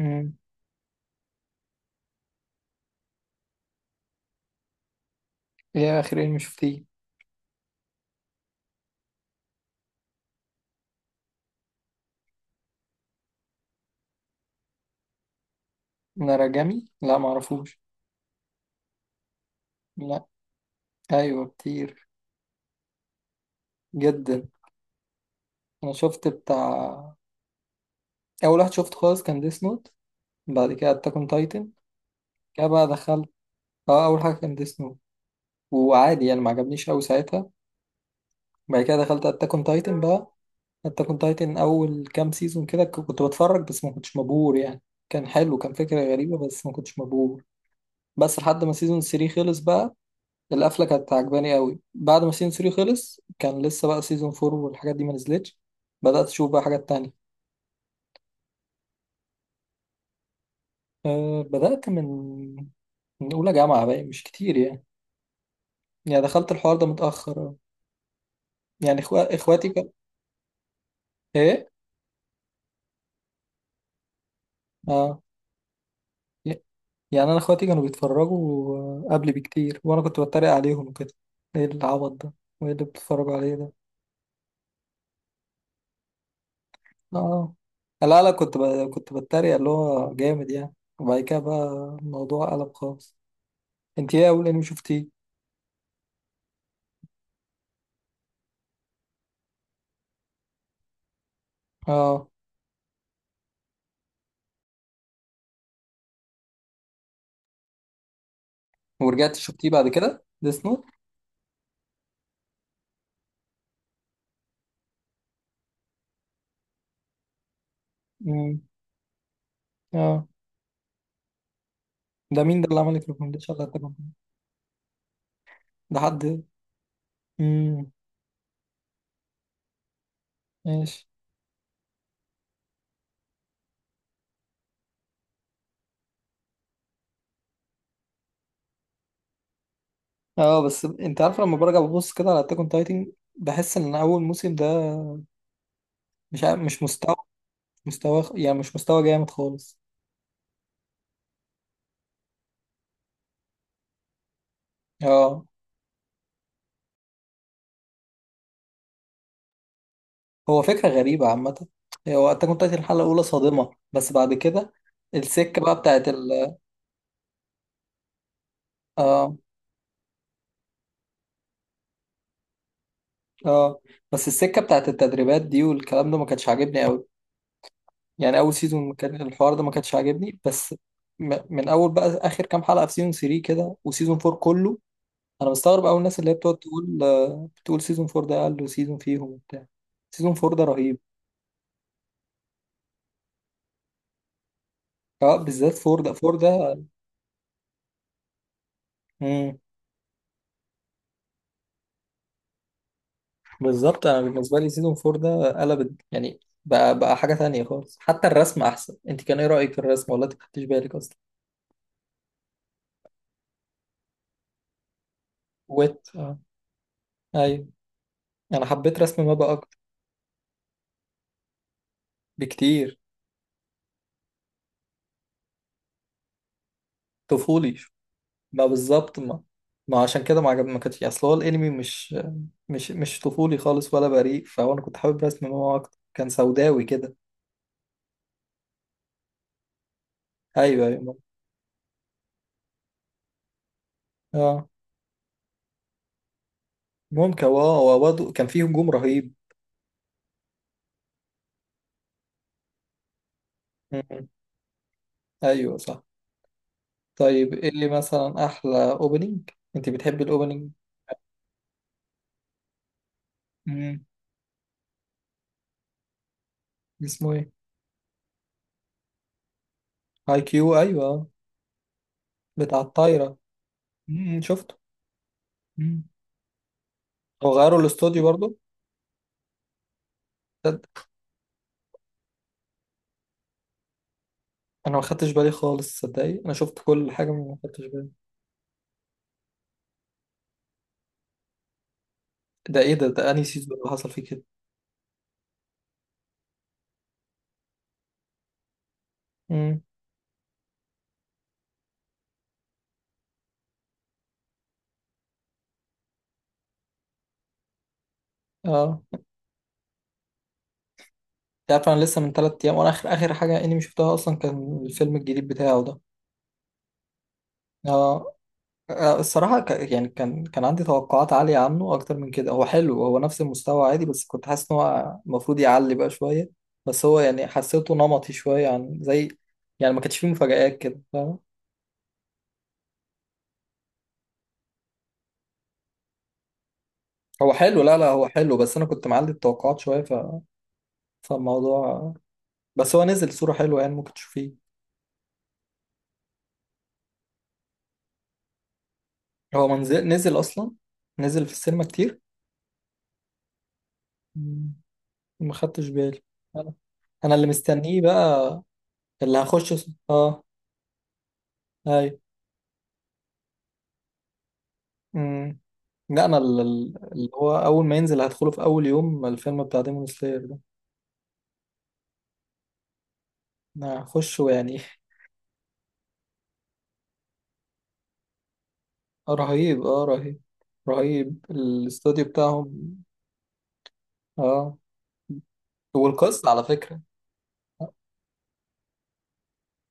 مم. ايه اخر انمي شفتيه؟ ناراجامي، لا معرفوش. لا، ايوه كتير جدا. انا شفت بتاع اول واحد شفته خالص كان ديس نوت. بعد كده اتاك اون تايتن، كده بقى دخلت. اه، اول حاجه كان ديس نوت، وعادي يعني ما عجبنيش قوي ساعتها. بعد كده دخلت اتاك اون تايتن بقى. اتاك اون تايتن اول كام سيزون كده كنت بتفرج بس ما كنتش مبهور يعني. كان حلو، كان فكره غريبه بس ما كنتش مبهور، بس لحد ما سيزون 3 خلص بقى. القفله كانت عجباني قوي. بعد ما سيزون 3 خلص كان لسه بقى سيزون 4 والحاجات دي ما نزلتش، بدات اشوف بقى حاجات تانية. بدات من من اولى جامعه بقى، مش كتير يعني. يعني دخلت الحوار ده متاخر أوي. يعني اخواتي كان. ايه؟ اه، ي- يعني انا اخواتي كانوا بيتفرجوا قبلي بكتير وانا كنت بتريق عليهم كده. ايه العبط ده؟ وايه اللي بتتفرجوا عليه ده؟ اه، لا لا، كنت بتريق اللي هو جامد يعني. وبعد كده بقى الموضوع قلب خالص. انت ايه اول انمي شفتيه؟ اه، ورجعت شفتيه بعد كده ديس نوت؟ امم. اه، ده مين ده اللي عمل لك ريكومنديشن على التاكون؟ ده حد؟ امم، ماشي. اه، بس انت عارف لما برجع ببص كده على اتاك اون تايتن بحس ان اول موسم ده مش مستوى، مش مستوى يعني، مش مستوى جامد خالص. اه، هو فكره غريبه عامه. هو اتاك اون تايتن الحلقه الاولى صادمه، بس بعد كده السكه بقى بتاعت ال... اه. اه، بس السكه بتاعت التدريبات دي والكلام ده ما كانتش عاجبني قوي. يعني اول سيزون كان الحوار ده ما كانش عاجبني بس. من اول بقى اخر كام حلقه في سيزون 3 كده وسيزون 4 كله. انا بستغرب اول الناس اللي هي بتقعد تقول بتقول سيزون 4 ده اقل سيزون فيهم وبتاع. سيزون 4 ده رهيب. اه، بالذات 4 ده، 4 ده. مم. بالظبط، انا بالنسبه لي سيزون 4 ده قلب يعني، بقى حاجه تانية خالص. حتى الرسم احسن، انت كان ايه رايك في الرسم ولا انت ما خدتش بالك اصلا؟ ويت، اه. ايوه. انا حبيت رسم مابا اكتر بكتير. طفولي. ما بالظبط، ما ما عشان كده ما عجبني، ما كانتش. اصل هو الانمي مش طفولي خالص ولا بريء، فهو انا كنت حابب رسم هو اكتر، كان سوداوي كده. ايوه، ايوه. اه. ممكن. واو، برضه كان فيه هجوم رهيب. م. ايوه، صح. طيب ايه اللي مثلا احلى اوبننج؟ انت بتحبي الاوبننج؟ م. اسمه ايه؟ هاي كيو؟ ايوه، بتاع الطايره. م، شفته. م. هو غيروا الاستوديو برضه؟ تصدق؟ انا ما خدتش بالي خالص، صدقني انا شفت كل حاجه ما خدتش بالي. ده ايه ده انهي سيزون اللي حصل فيه كده؟ امم. اه. انت عارف انا لسه من 3 ايام وانا اخر اخر حاجه انمي شفتها اصلا كان الفيلم الجديد بتاعه ده. اه. الصراحه يعني كان عندي توقعات عاليه عنه اكتر من كده. هو حلو، هو نفس المستوى عادي، بس كنت حاسس ان هو المفروض يعلي بقى شويه. بس هو يعني حسيته نمطي شويه عن زي، يعني ما كانش فيه مفاجآت كده، فاهم؟ هو حلو، لا لا هو حلو، بس انا كنت معلي التوقعات شويه فالموضوع. بس هو نزل صوره حلوه، يعني ممكن تشوفيه. هو منزل، نزل اصلا، نزل في السينما كتير. مم. ما خدتش بالي. انا، أنا اللي مستنيه بقى، اه. اي. امم. لا، انا اللي هو اول ما ينزل هدخله في اول يوم، الفيلم بتاع ديمون سلاير ده. انا هخشه يعني. رهيب، اه رهيب. رهيب، الاستوديو بتاعهم. اه. والقصة على فكرة،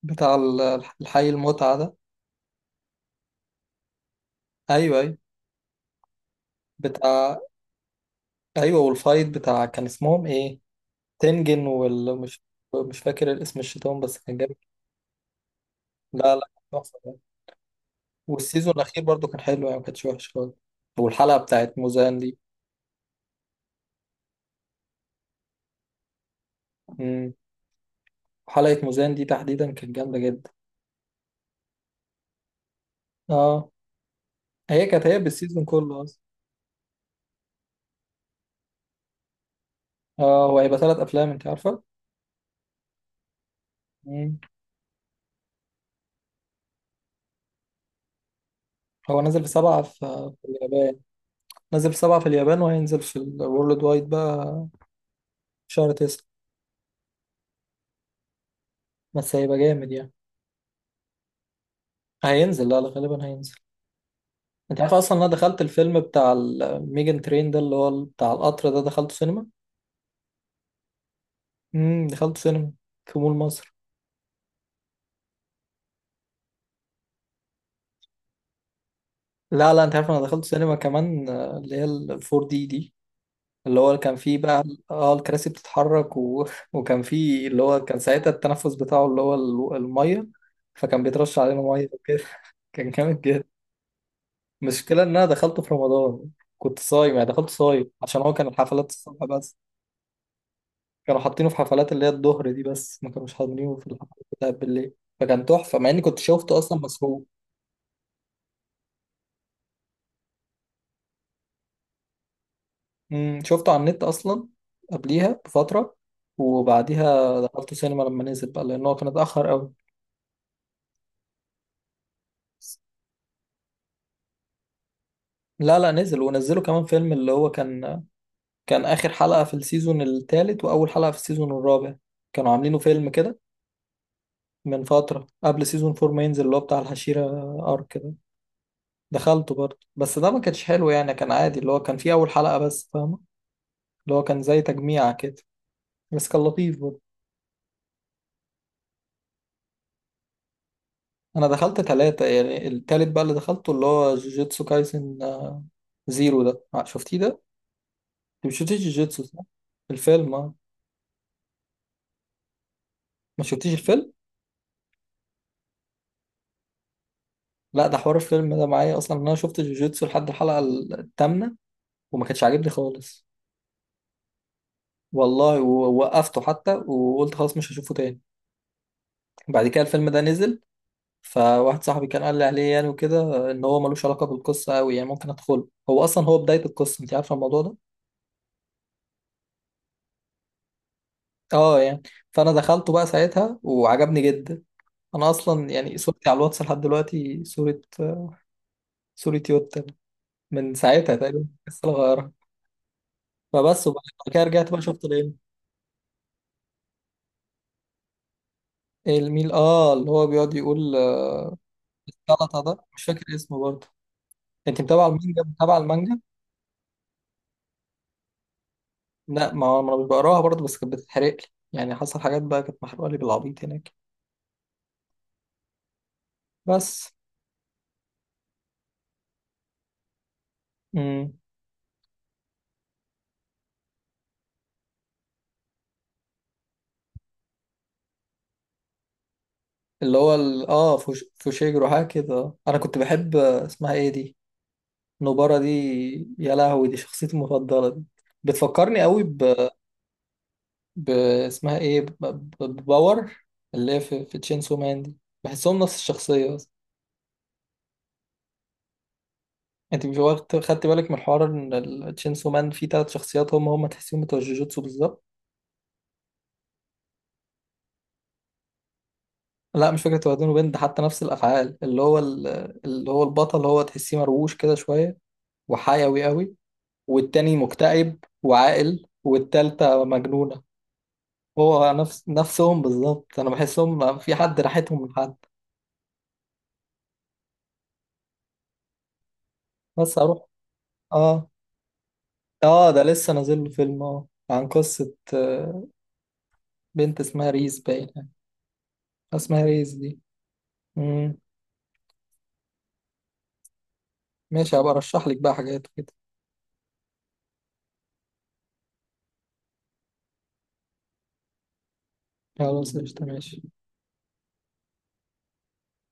بتاع الحي المتعة ده. ايوه، ايوه. بتاع. ايوه، والفايت بتاع كان اسمهم ايه؟ تنجن ولا مش؟ مش فاكر الاسم، الشيطان بس كان جامد. لا لا، كان تحفة يعني. والسيزون الأخير برضو كان حلو، يعني ما كانش وحش خالص. والحلقة بتاعت موزان دي. مم. حلقة موزان دي تحديدا كانت جامدة جدا. اه. هي كانت هي بالسيزون كله أصلا. اه. هو هيبقى ثلاث أفلام، أنت عارفة؟ مم. هو نازل في 7 في اليابان. نازل في سبعة في اليابان، وهينزل في الورلد وايد بقى في شهر 9. بس هيبقى جامد يعني. هينزل، لا لا غالبا هينزل. انت عارف اصلا انا دخلت الفيلم بتاع الميجن ترين ده اللي هو بتاع القطر ده، دخلته سينما. امم، دخلته سينما في مول مصر. لا لا، انت عارف انا دخلت سينما كمان اللي هي ال 4 دي دي، اللي هو كان فيه بقى. اه، الكراسي بتتحرك و وكان فيه اللي هو كان ساعتها التنفس بتاعه اللي هو الميه، فكان بيترش علينا ميه وكده. كان جامد جدا. المشكله ان انا دخلته في رمضان، كنت صايم يعني. دخلت صايم عشان هو كان الحفلات الصبح بس، كانوا حاطينه في حفلات اللي هي الظهر دي بس، ما كانوش حاطينه في الحفلات بتاعت بالليل. فكان تحفة مع اني كنت شفته اصلا مسروق. امم، شفته على النت اصلا قبليها بفترة، وبعديها دخلته سينما لما نزل بقى، لان هو كان اتأخر قوي. لا لا، نزل، ونزلوا كمان فيلم اللي هو كان كان آخر حلقة في السيزون الثالث وأول حلقة في السيزون الرابع، كانوا عاملينه فيلم كده من فترة قبل سيزون فور ما ينزل، اللي هو بتاع الحشيرة أرك كده. دخلته برضه، بس ده ما كانش حلو يعني، كان عادي. اللي هو كان فيه أول حلقة بس، فاهم؟ اللي هو كان زي تجميع كده، بس كان لطيف برضه. انا دخلت ثلاثة يعني، التالت بقى اللي دخلته اللي هو جوجيتسو كايسن، زيرو ده، شفتيه ده؟ انت ما شفتيش جوجيتسو، صح؟ الفيلم، اه. ما شفتيش الفيلم؟ لا، ده حوار الفيلم ده معايا اصلا. إن انا شفت جوجيتسو لحد الحلقة الثامنة وما كانش عاجبني خالص، والله، ووقفته حتى وقلت خلاص مش هشوفه تاني. بعد كده الفيلم ده نزل، فواحد صاحبي كان قال لي عليه يعني وكده ان هو ملوش علاقة بالقصة قوي يعني ممكن ادخله، هو اصلا هو بداية القصة، انت عارفة الموضوع ده. اه يعني. فانا دخلته بقى ساعتها وعجبني جدا. انا اصلا يعني صورتي على الواتس لحد دلوقتي صورة يوتا من ساعتها تقريبا لسه غيرها. فبس. وبعد كده رجعت بقى شفت العلم. الميل، اه، اللي هو بيقعد يقول السلطة ده، مش فاكر اسمه برضه. انت متابعة المانجا؟ متابعة المانجا؟ لا، ما هو انا مش بقراها برضه، بس كانت بتتحرق لي. يعني حصل حاجات بقى كانت محروقة لي بالعبيط هناك. بس. امم. اللي هو اه، فوشيجرو حاجة كده. انا كنت بحب اسمها ايه دي، نبارة دي. يا لهوي، دي شخصيتي المفضلة دي، بتفكرني قوي ب... اسمها ايه، بباور، اللي هي في تشينسو مان دي. بحسهم نفس الشخصية بس. انت مش واخد خدت بالك من الحوار ان تشينسو مان فيه تلات شخصيات هم هم تحسيهم بتوع جوجوتسو بالظبط؟ لا، مش فكرة واد وبنت ده، حتى نفس الأفعال. اللي هو البطل، هو تحسيه مرووش كده شوية وحيوي قوي، والتاني مكتئب وعاقل، والتالتة مجنونة. هو نفسهم بالظبط. انا بحسهم في حد راحتهم من حد. بس اروح. اه. اه ده لسه نازل له فيلم، اه، عن قصة بنت اسمها ريز باين، اسمها ريز دي. مم. ماشي، هبقى ارشح لك بقى حاجات كده. خلاص، قشطة ماشي.